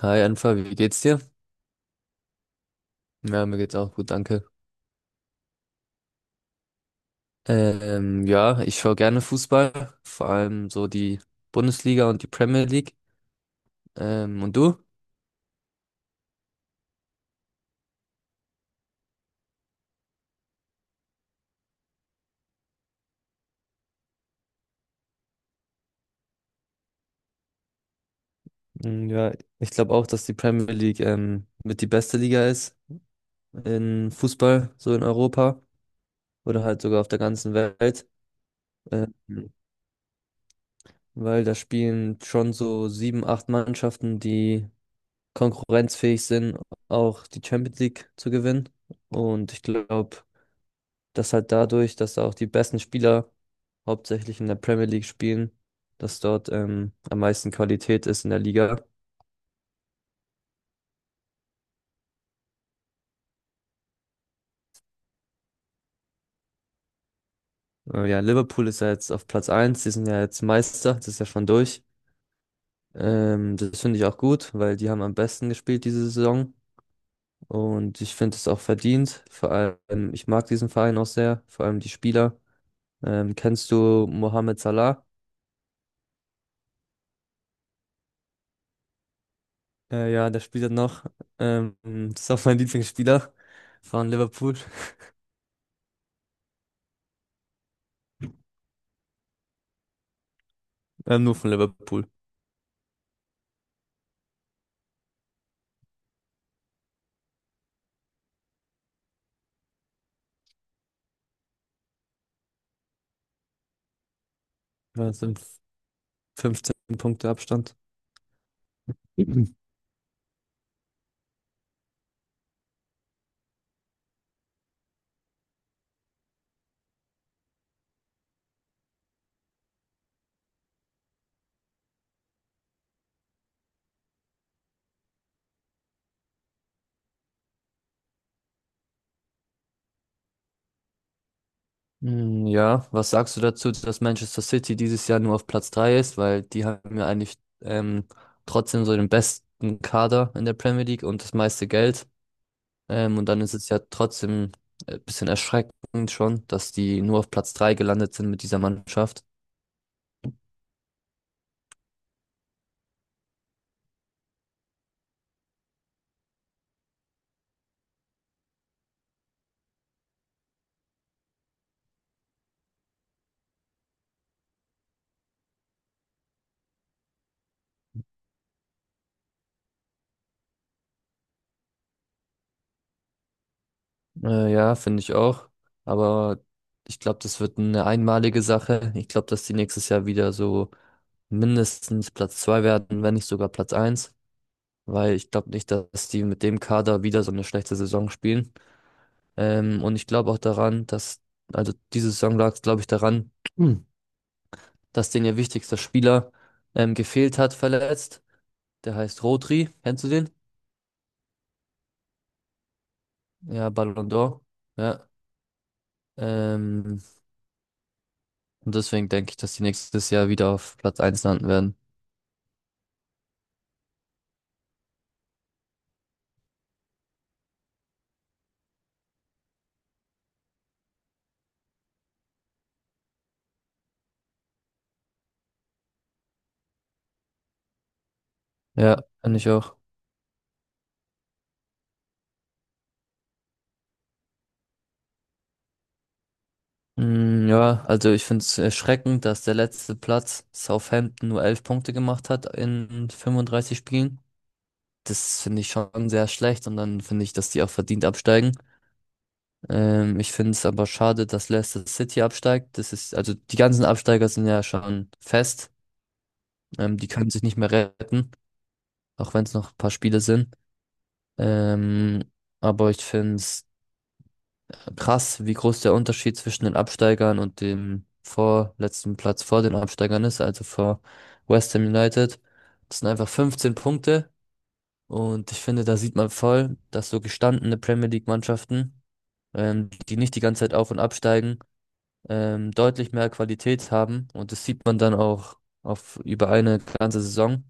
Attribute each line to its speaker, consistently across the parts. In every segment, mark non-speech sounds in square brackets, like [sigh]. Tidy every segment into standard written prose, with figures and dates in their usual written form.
Speaker 1: Hi Anfa, wie geht's dir? Ja, mir geht's auch gut, danke. Ja, ich schaue gerne Fußball, vor allem so die Bundesliga und die Premier League. Und du? Mm, ja, ich glaube auch, dass die Premier League mit die beste Liga ist in Fußball, so in Europa oder halt sogar auf der ganzen Welt, ähm, weil da spielen schon so sieben, acht Mannschaften, die konkurrenzfähig sind, auch die Champions League zu gewinnen. Und ich glaube, dass halt dadurch, dass da auch die besten Spieler hauptsächlich in der Premier League spielen, dass dort am meisten Qualität ist in der Liga. Ja, Liverpool ist ja jetzt auf Platz eins. Die sind ja jetzt Meister, das ist ja schon durch. Das finde ich auch gut, weil die haben am besten gespielt diese Saison und ich finde es auch verdient. Vor allem, ich mag diesen Verein auch sehr, vor allem die Spieler. Kennst du Mohamed Salah? Ja, der spielt ja noch. Ähm, [laughs] das ist auch mein Lieblingsspieler von Liverpool. [laughs] Nur von Liverpool. Ja, das sind 15 Punkte Abstand. [clears throat] Mhm. Mm, ja, was sagst du dazu, dass Manchester City dieses Jahr nur auf Platz 3 ist? Weil die haben ja eigentlich trotzdem so den besten Kader in der Premier League und das meiste Geld. Und dann ist es ja trotzdem ein bisschen erschreckend schon, dass die nur auf Platz 3 gelandet sind mit dieser Mannschaft. Ja, finde ich auch. Aber ich glaube, das wird eine einmalige Sache. Ich glaube, dass die nächstes Jahr wieder so mindestens Platz 2 werden, wenn nicht sogar Platz eins, weil ich glaube nicht, dass die mit dem Kader wieder so eine schlechte Saison spielen. Und ich glaube auch daran, dass, also diese Saison lag es, glaube ich, daran, [clears throat] Hm. dass denen ihr wichtigster Spieler gefehlt hat, verletzt. Der heißt Rodri. Kennst du den? Ja, Ballon d'Or. Ja. Ähm, und deswegen denke ich, dass die nächstes Jahr wieder auf Platz eins landen werden. Ja, finde ich auch. Mm, ja, also ich finde es erschreckend, dass der letzte Platz Southampton nur 11 Punkte gemacht hat in 35 Spielen. Das finde ich schon sehr schlecht und dann finde ich, dass die auch verdient absteigen. Ich finde es aber schade, dass Leicester City absteigt. Das ist, also die ganzen Absteiger sind ja schon fest. Die können sich nicht mehr retten, auch wenn es noch ein paar Spiele sind. Ähm, aber ich finde es krass, wie groß der Unterschied zwischen den Absteigern und dem vorletzten Platz vor den Absteigern ist, also vor West Ham United. Das sind einfach 15 Punkte und ich finde, da sieht man voll, dass so gestandene Premier League Mannschaften die nicht die ganze Zeit auf und absteigen, deutlich mehr Qualität haben. Und das sieht man dann auch auf über eine ganze Saison,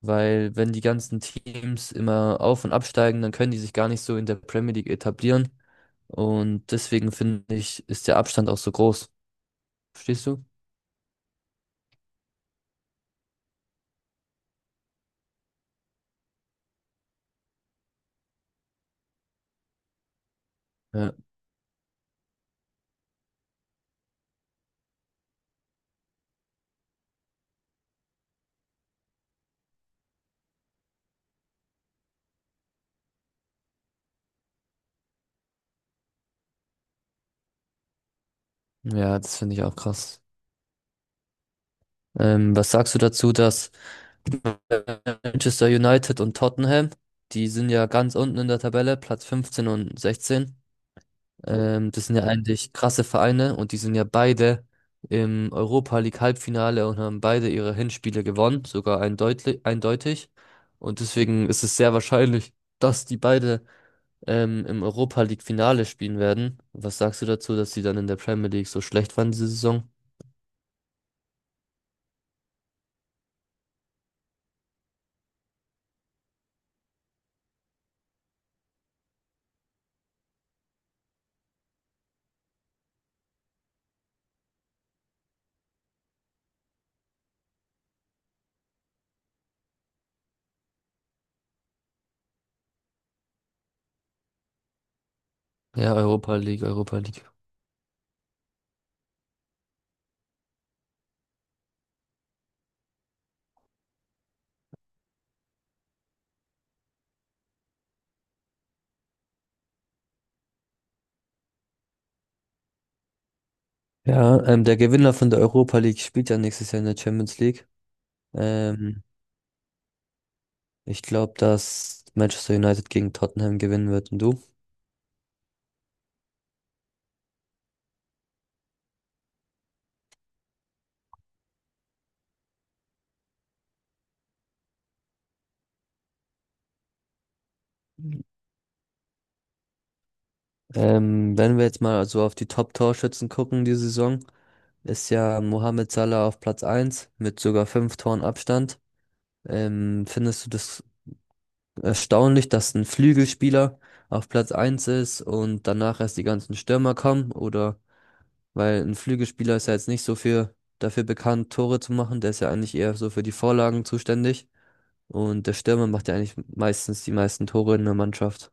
Speaker 1: weil wenn die ganzen Teams immer auf und absteigen, dann können die sich gar nicht so in der Premier League etablieren. Und deswegen finde ich, ist der Abstand auch so groß. Verstehst du? Ja, ja, das finde ich auch krass. Was sagst du dazu, dass Manchester United und Tottenham, die sind ja ganz unten in der Tabelle, Platz 15 und 16. Das sind ja eigentlich krasse Vereine und die sind ja beide im Europa League Halbfinale und haben beide ihre Hinspiele gewonnen, sogar eindeutig. Und deswegen ist es sehr wahrscheinlich, dass die beide im Europa League Finale spielen werden. Was sagst du dazu, dass sie dann in der Premier League so schlecht waren diese Saison? Ja, Europa League. Ja, der Gewinner von der Europa League spielt ja nächstes Jahr in der Champions League. Ähm, ich glaube, dass Manchester United gegen Tottenham gewinnen wird. Und du? Wenn wir jetzt mal so auf die Top-Torschützen gucken, die Saison, ist ja Mohamed Salah auf Platz eins mit sogar 5 Toren Abstand. Findest du das erstaunlich, dass ein Flügelspieler auf Platz eins ist und danach erst die ganzen Stürmer kommen? Oder weil ein Flügelspieler ist ja jetzt nicht so für dafür bekannt, Tore zu machen, der ist ja eigentlich eher so für die Vorlagen zuständig. Und der Stürmer macht ja eigentlich meistens die meisten Tore in der Mannschaft.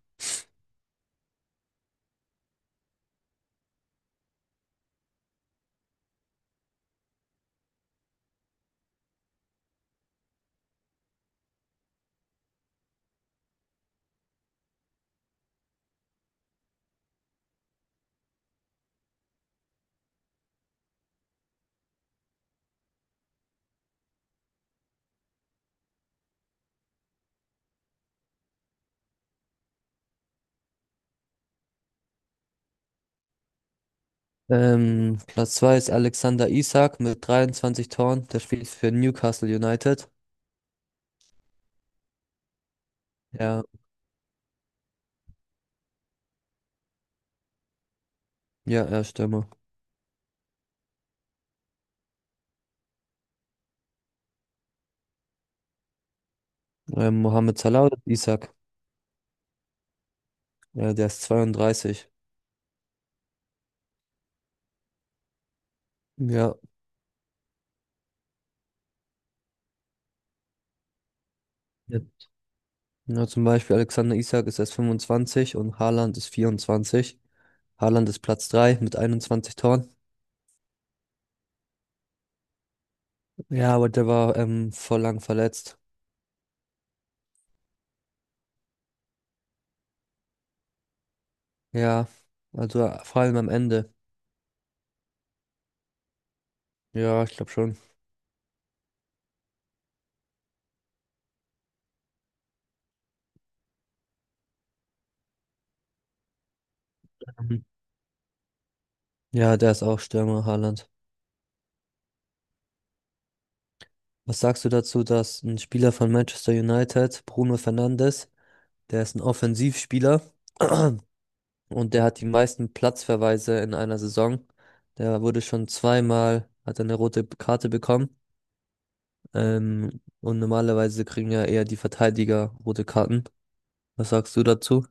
Speaker 1: Platz 2 ist Alexander Isak mit 23 Toren. Der spielt für Newcastle United. Ja, ja, er ist Stürmer. Mohamed Salah oder Isak. Ja, der ist 32. Ja. Ja, Ja, zum Beispiel Alexander Isak ist erst 25 und Haaland ist 24. Haaland ist Platz 3 mit 21 Toren. Ja, aber der war voll lang verletzt. Ja, also vor allem am Ende. Ja, ich glaube schon. Mhm. Ja, der ist auch Stürmer, Haaland. Was sagst du dazu, dass ein Spieler von Manchester United, Bruno Fernandes, der ist ein Offensivspieler [clears throat] und der hat die meisten Platzverweise in einer Saison. Der wurde schon zweimal, hat er eine rote Karte bekommen. Und normalerweise kriegen ja eher die Verteidiger rote Karten. Was sagst du dazu?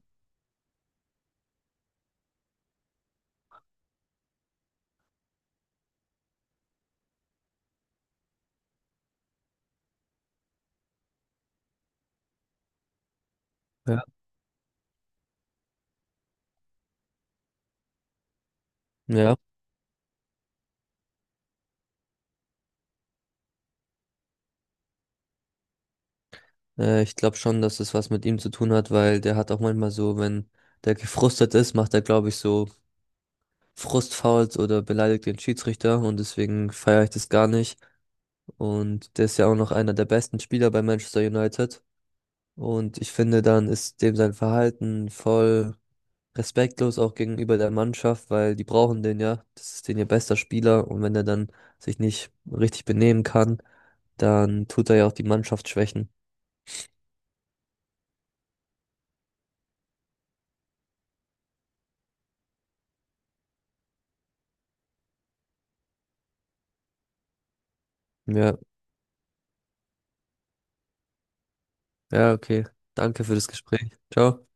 Speaker 1: Ja. Ja, ich glaube schon, dass es was mit ihm zu tun hat, weil der hat auch manchmal so, wenn der gefrustet ist, macht er, glaube ich, so Frustfouls oder beleidigt den Schiedsrichter und deswegen feiere ich das gar nicht. Und der ist ja auch noch einer der besten Spieler bei Manchester United. Und ich finde, dann ist dem sein Verhalten voll respektlos auch gegenüber der Mannschaft, weil die brauchen den ja. Das ist den ihr bester Spieler. Und wenn er dann sich nicht richtig benehmen kann, dann tut er ja auch die Mannschaft schwächen. Ja, ja, okay. Danke für das Gespräch. Ciao.